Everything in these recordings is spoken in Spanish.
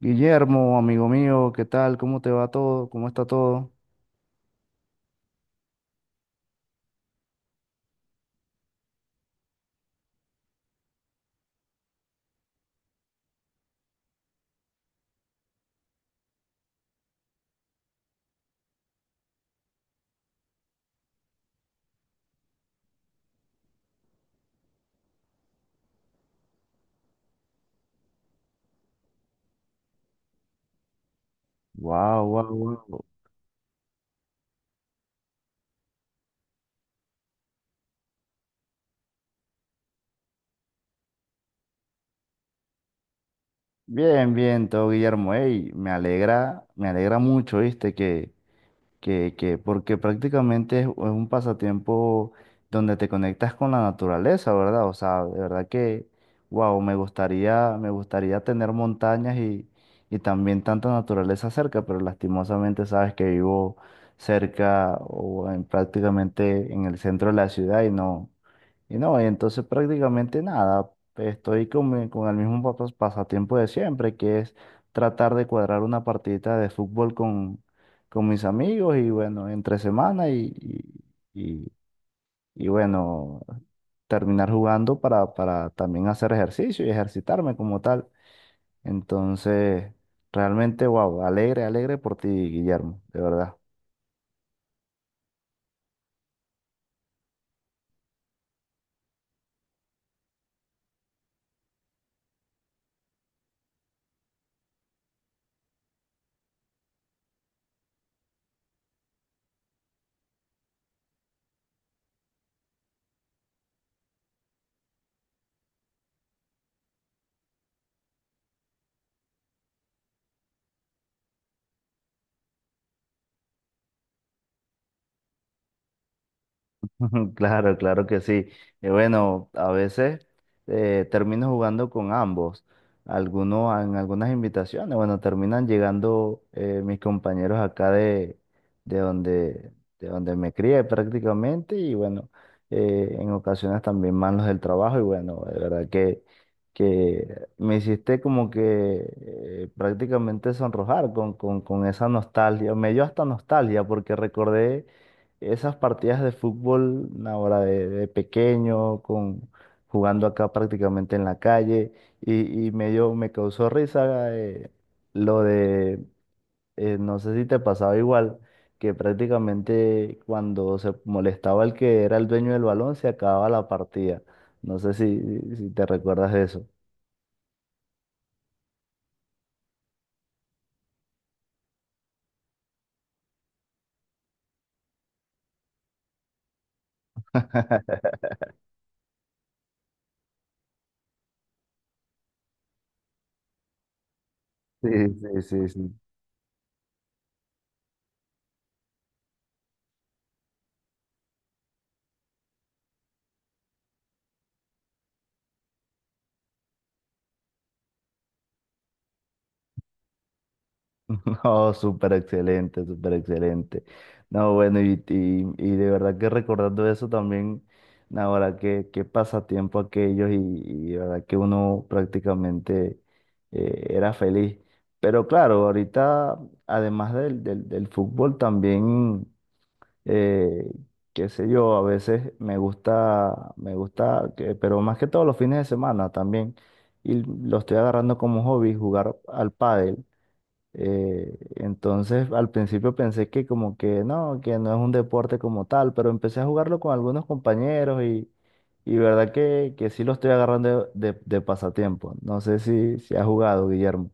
Guillermo, amigo mío, ¿qué tal? ¿Cómo te va todo? ¿Cómo está todo? Wow, wow, wow. Bien, bien, todo, Guillermo. Ey, me alegra mucho, ¿viste? Porque prácticamente es un pasatiempo donde te conectas con la naturaleza, ¿verdad? O sea, de verdad que, wow, me gustaría tener montañas y también tanta naturaleza cerca, pero lastimosamente sabes que vivo cerca o en, prácticamente en el centro de la ciudad y no. Y entonces prácticamente nada, estoy con el mismo pasatiempo de siempre, que es tratar de cuadrar una partidita de fútbol con mis amigos y bueno, entre semana y, y- bueno, terminar jugando para también hacer ejercicio y ejercitarme como tal. Entonces, realmente, wow, alegre, alegre por ti, Guillermo, de verdad. Claro, claro que sí. Bueno, a veces termino jugando con ambos. Algunos, en algunas invitaciones, bueno, terminan llegando mis compañeros acá de donde, de donde me crié prácticamente y bueno, en ocasiones también manos del trabajo y bueno, de verdad que me hiciste como que prácticamente sonrojar con esa nostalgia. Me dio hasta nostalgia porque recordé esas partidas de fútbol ahora de pequeño, jugando acá prácticamente en la calle, y, me causó risa lo de, no sé si te pasaba igual, que prácticamente cuando se molestaba el que era el dueño del balón, se acababa la partida. No sé si te recuerdas de eso. Sí, sí, sí, sí. No, súper excelente, súper excelente. No, bueno, y de verdad que recordando eso también, ahora qué pasatiempo aquellos y de verdad que uno prácticamente era feliz. Pero claro, ahorita, además del fútbol, también, eh, qué sé yo, a veces me gusta, pero más que todo los fines de semana también, y lo estoy agarrando como hobby, jugar al pádel. Entonces, al principio pensé que como que no es un deporte como tal, pero empecé a jugarlo con algunos compañeros y verdad que sí lo estoy agarrando de pasatiempo. No sé si has jugado, Guillermo.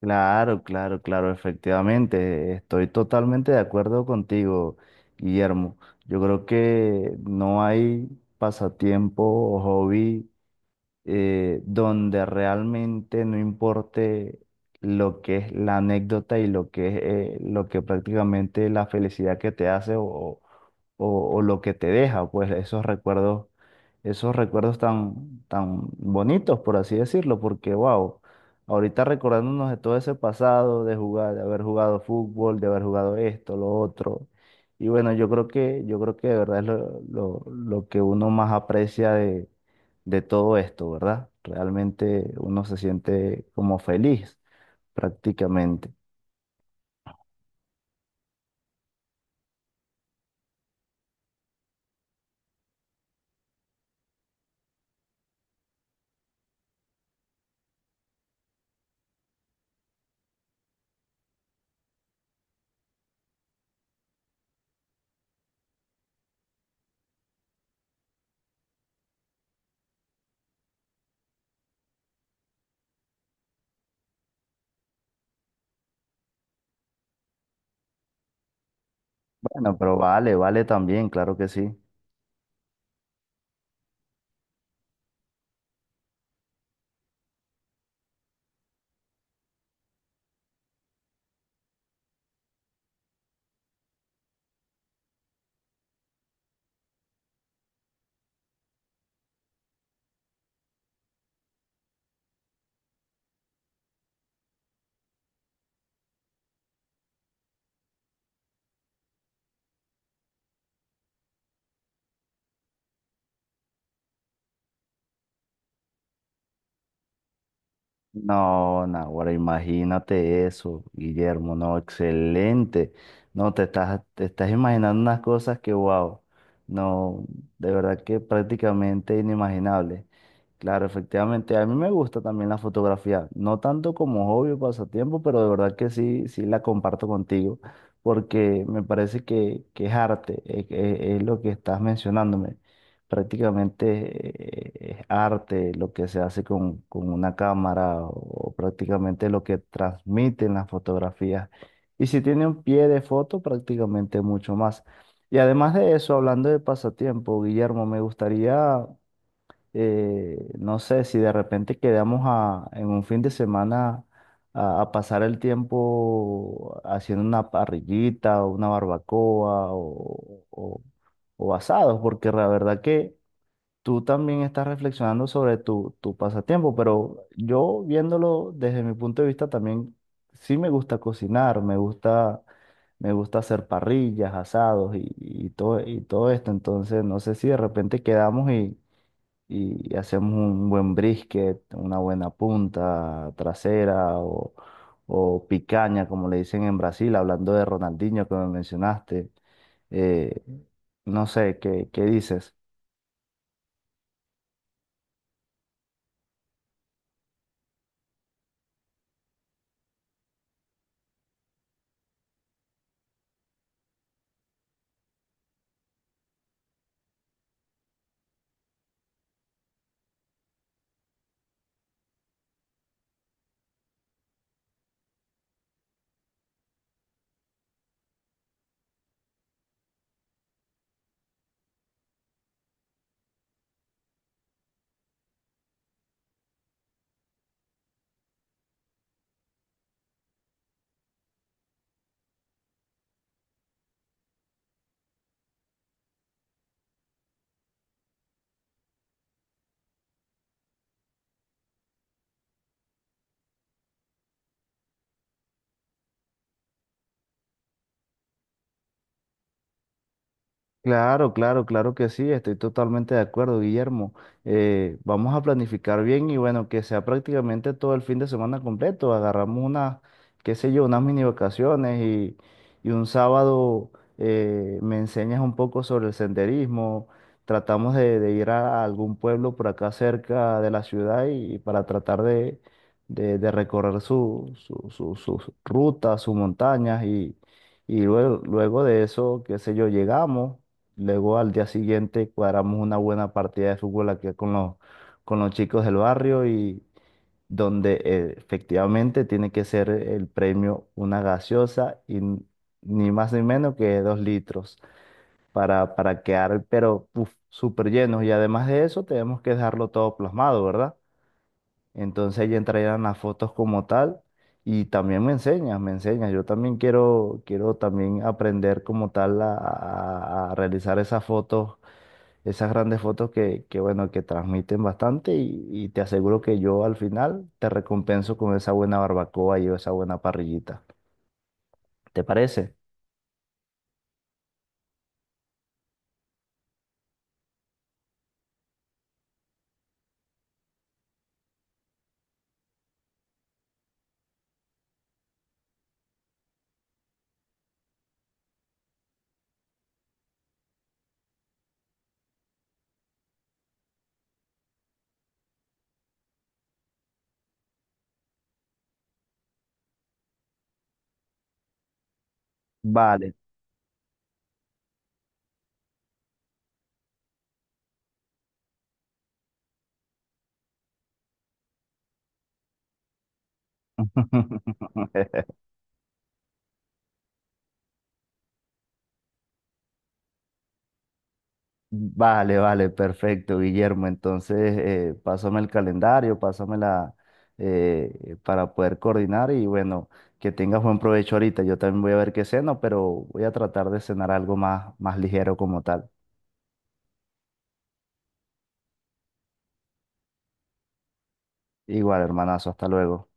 Claro, claro, claro, efectivamente, estoy totalmente de acuerdo contigo, Guillermo. Yo creo que no hay pasatiempo o hobby, donde realmente no importe lo que es la anécdota y lo que es lo que prácticamente la felicidad que te hace o, o lo que te deja, pues esos recuerdos tan, tan bonitos, por así decirlo, porque wow, ahorita recordándonos de todo ese pasado, de jugar, de haber jugado fútbol, de haber jugado esto, lo otro. Y bueno, yo creo que de verdad es lo que uno más aprecia de todo esto, ¿verdad? Realmente uno se siente como feliz prácticamente. Bueno, pero vale, vale también, claro que sí. No, ahora imagínate eso, Guillermo, no, excelente. No, te estás imaginando unas cosas que, wow, no, de verdad que prácticamente inimaginable. Claro, efectivamente, a mí me gusta también la fotografía, no tanto como hobby o pasatiempo, pero de verdad que sí, sí la comparto contigo, porque me parece que es arte, es lo que estás mencionándome prácticamente. Es arte lo que se hace con una cámara o, prácticamente lo que transmiten las fotografías. Y si tiene un pie de foto, prácticamente mucho más. Y además de eso, hablando de pasatiempo, Guillermo, me gustaría, no sé, si de repente quedamos en un fin de semana a pasar el tiempo haciendo una parrillita o una barbacoa o asados, porque la verdad que tú también estás reflexionando sobre tu pasatiempo, pero yo viéndolo desde mi punto de vista también, sí me gusta cocinar, me gusta hacer parrillas, asados y todo, y todo esto. Entonces, no sé si de repente quedamos y hacemos un buen brisket, una buena punta trasera o picaña, como le dicen en Brasil, hablando de Ronaldinho que me mencionaste. Eh, no sé, ¿qué dices? Claro, claro, claro que sí, estoy totalmente de acuerdo, Guillermo. Vamos a planificar bien y bueno, que sea prácticamente todo el fin de semana completo. Agarramos unas, qué sé yo, unas mini vacaciones y un sábado me enseñas un poco sobre el senderismo. Tratamos de ir a algún pueblo por acá cerca de la ciudad y, para tratar de recorrer su, sus rutas, sus montañas y luego de eso, qué sé yo, llegamos. Luego al día siguiente cuadramos una buena partida de fútbol aquí con los chicos del barrio y donde efectivamente tiene que ser el premio una gaseosa y ni más ni menos que dos litros para quedar, pero uf, súper llenos. Y además de eso tenemos que dejarlo todo plasmado, ¿verdad? Entonces ahí entrarían las fotos como tal y también me enseñas. Yo también quiero también aprender como tal a realizar esas fotos, esas grandes fotos bueno, que transmiten bastante y te aseguro que yo al final te recompenso con esa buena barbacoa y esa buena parrillita. ¿Te parece? Vale. Vale, vale, perfecto, Guillermo. Entonces, pásame el calendario, para poder coordinar y bueno, que tengas buen provecho ahorita. Yo también voy a ver qué ceno, pero voy a tratar de cenar algo más, más ligero como tal. Igual, hermanazo, hasta luego.